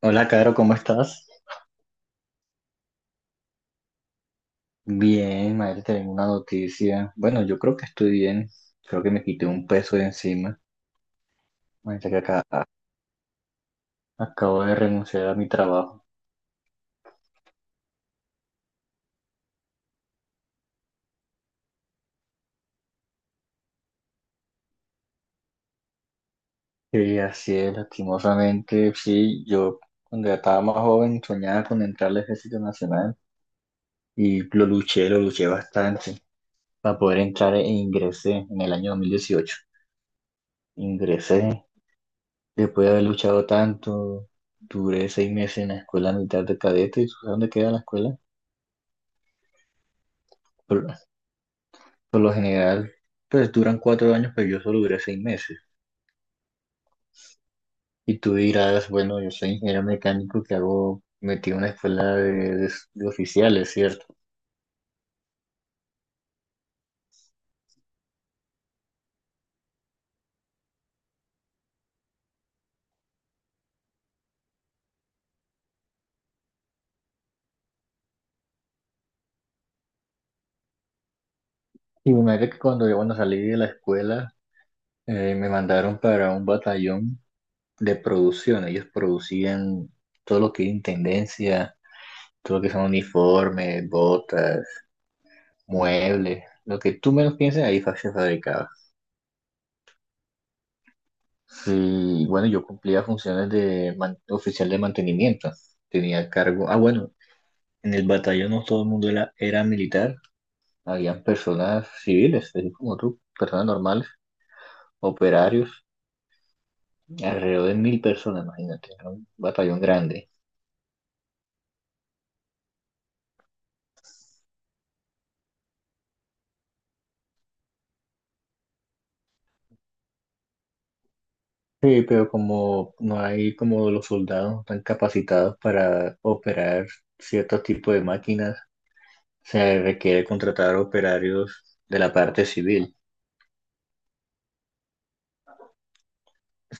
Hola, Caro, ¿cómo estás? Bien, madre, te tengo una noticia. Bueno, yo creo que estoy bien. Creo que me quité un peso de encima. Madre, que acá, acabo de renunciar a mi trabajo. Sí, así es, lastimosamente. Sí, yo cuando ya estaba más joven soñaba con entrar al Ejército Nacional y lo luché bastante para poder entrar e ingresé en el año 2018. Ingresé después de haber luchado tanto. Duré 6 meses en la escuela militar de cadete. ¿Sabes dónde queda la escuela? Por lo general, pues duran 4 años, pero yo solo duré 6 meses. Y tú dirás, bueno, yo soy ingeniero mecánico que hago, metí una escuela de oficiales, ¿cierto? Y me imagino que cuando yo, bueno, salí de la escuela, me mandaron para un batallón de producción. Ellos producían todo lo que es intendencia, todo lo que son uniformes, botas, muebles, lo que tú menos pienses, se fabricaba. Y bueno, yo cumplía funciones de oficial de mantenimiento. Tenía cargo. Ah, bueno, en el batallón no todo el mundo era militar. Habían personas civiles, así como tú, personas normales, operarios, alrededor de 1.000 personas, imagínate. Era un batallón grande. Sí, pero como no hay como los soldados tan capacitados para operar ciertos tipos de máquinas, se requiere contratar operarios de la parte civil.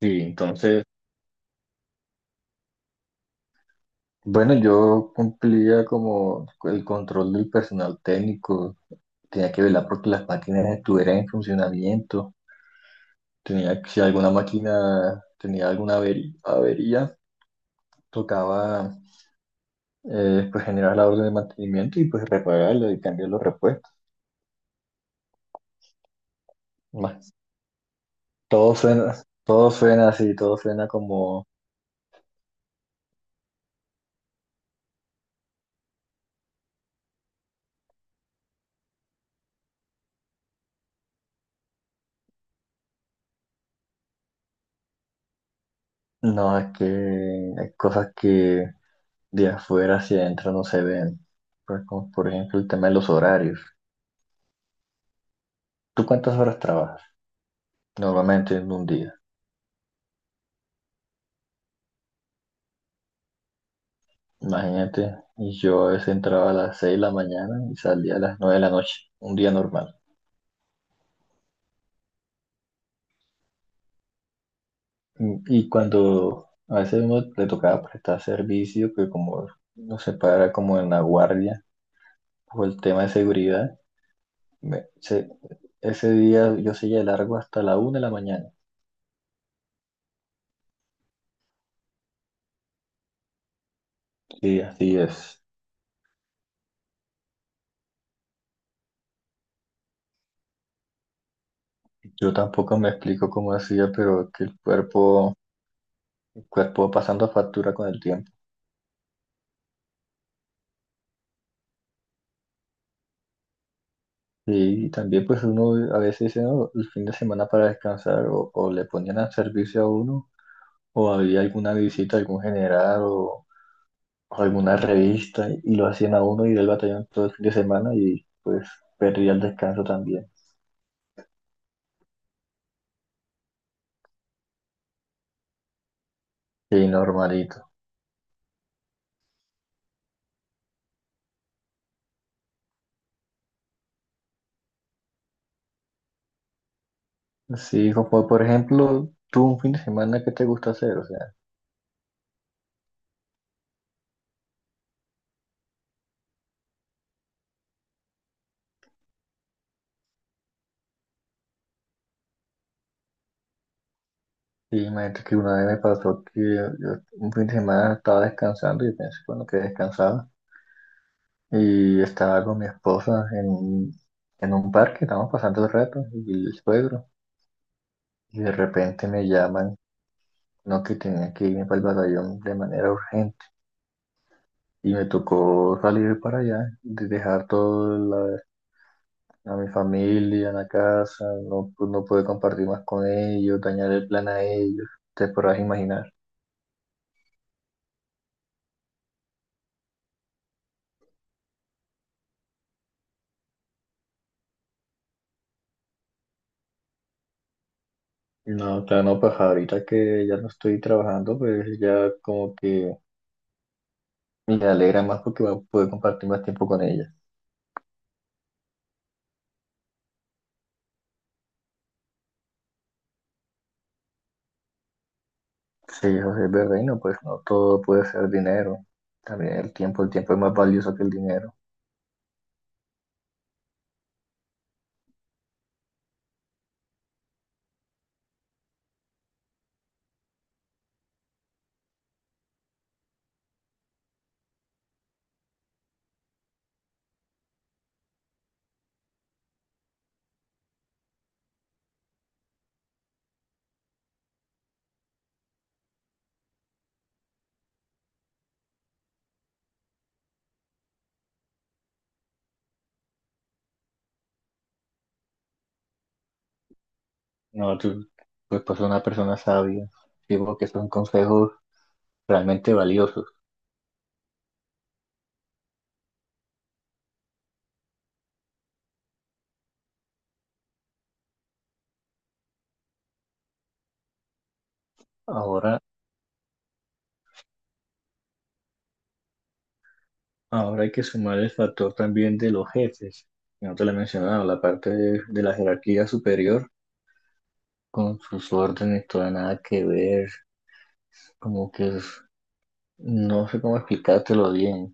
Sí, entonces. Bueno, yo cumplía como el control del personal técnico, tenía que velar porque las máquinas estuvieran en funcionamiento, tenía que, si alguna máquina tenía alguna avería, tocaba pues generar la orden de mantenimiento y pues repararla y cambiar los repuestos. Más, todo suena, todo suena así, todo suena como, no, es que hay cosas que de afuera hacia adentro no se ven, pues como por ejemplo el tema de los horarios. ¿Tú cuántas horas trabajas? Normalmente en un día. Imagínate, y yo a veces entraba a las 6 de la mañana y salía a las 9 de la noche, un día normal. Y cuando a veces uno le tocaba prestar servicio, que como nos separa como en la guardia o el tema de seguridad, me- se- ese día yo seguía de largo hasta la 1 de la mañana. Sí, así es. Yo tampoco me explico cómo hacía, pero que el cuerpo va pasando factura con el tiempo. Sí, y también pues uno a veces dice, "No, el fin de semana para descansar o le ponían a servicio a uno o había alguna visita, algún general o alguna revista y lo hacían a uno y del batallón todo el fin de semana y pues perdía el descanso también." Y normalito. Sí, como por ejemplo, tú un fin de semana, ¿qué te gusta hacer? O sea, y imagínate que una vez me pasó que yo un fin de semana estaba descansando y pensé, bueno, que descansaba. Y estaba con mi esposa en un parque, estábamos pasando el rato, y el suegro, y de repente me llaman, no que tenía que irme para el batallón de manera urgente, y me tocó salir para allá, de a mi familia en la casa, no, pues, no pude compartir más con ellos, dañar el plan a ellos, te podrás imaginar. No, claro, no, pues ahorita que ya no estoy trabajando, pues ya como que me alegra más porque puedo compartir más tiempo con ella. Sí, eso sí es verdad, y no, pues no todo puede ser dinero. También el tiempo es más valioso que el dinero. No, tú, pues una persona sabia. Digo que son consejos realmente valiosos. Ahora, ahora hay que sumar el factor también de los jefes. No te lo he mencionado, la parte de la jerarquía superior con sus órdenes, toda nada que ver. Como que es- no sé cómo explicártelo bien.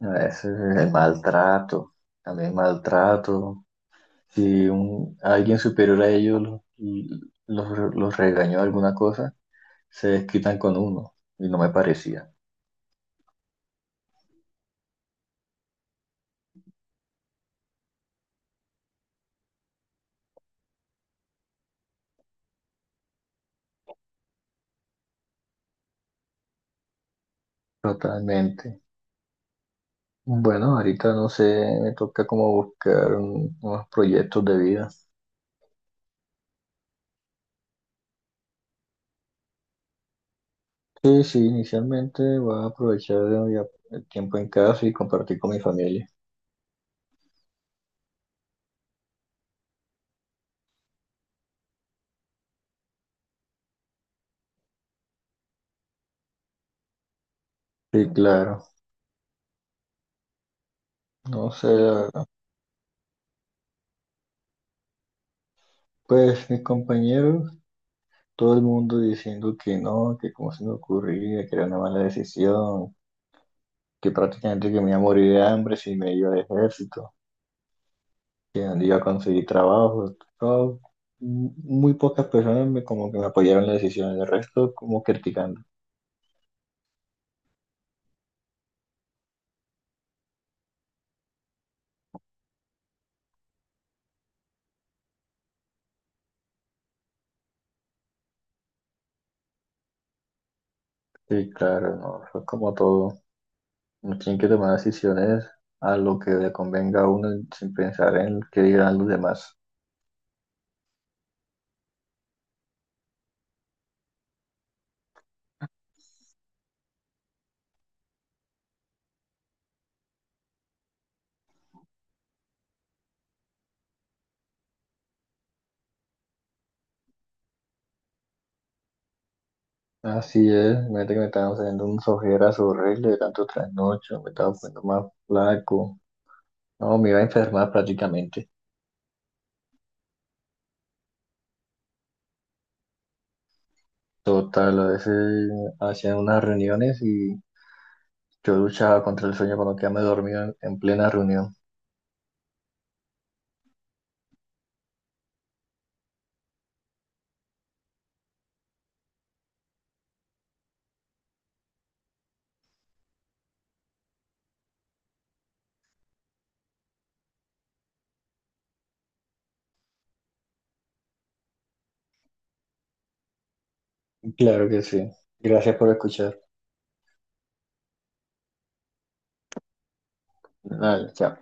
A veces el maltrato, también maltrato. Si alguien superior a ellos los regañó alguna cosa, se desquitan con uno y no me parecía. Totalmente. Bueno, ahorita no sé, me toca como buscar unos proyectos de vida. Sí, sí, inicialmente voy a aprovechar el tiempo en casa y compartir con mi familia. Sí, claro. No sé, la verdad. Pues mis compañeros, todo el mundo diciendo que no, que cómo se me ocurría, que era una mala decisión, que prácticamente que me iba a morir de hambre si me iba al ejército, que donde iba a conseguir trabajo. Todo. Muy pocas personas como que me apoyaron en la decisión, el resto como criticando. Sí, claro, no, eso es como todo. Uno tiene que tomar decisiones a lo que le convenga a uno sin pensar en qué dirán los demás. Así es, imagínate que me estaban haciendo un ojeras horrible de tanto trasnocho, me estaba poniendo más flaco. No, me iba a enfermar prácticamente. Total, a veces hacían unas reuniones y yo luchaba contra el sueño cuando quedaba dormido en plena reunión. Claro que sí. Gracias por escuchar. Dale, chao.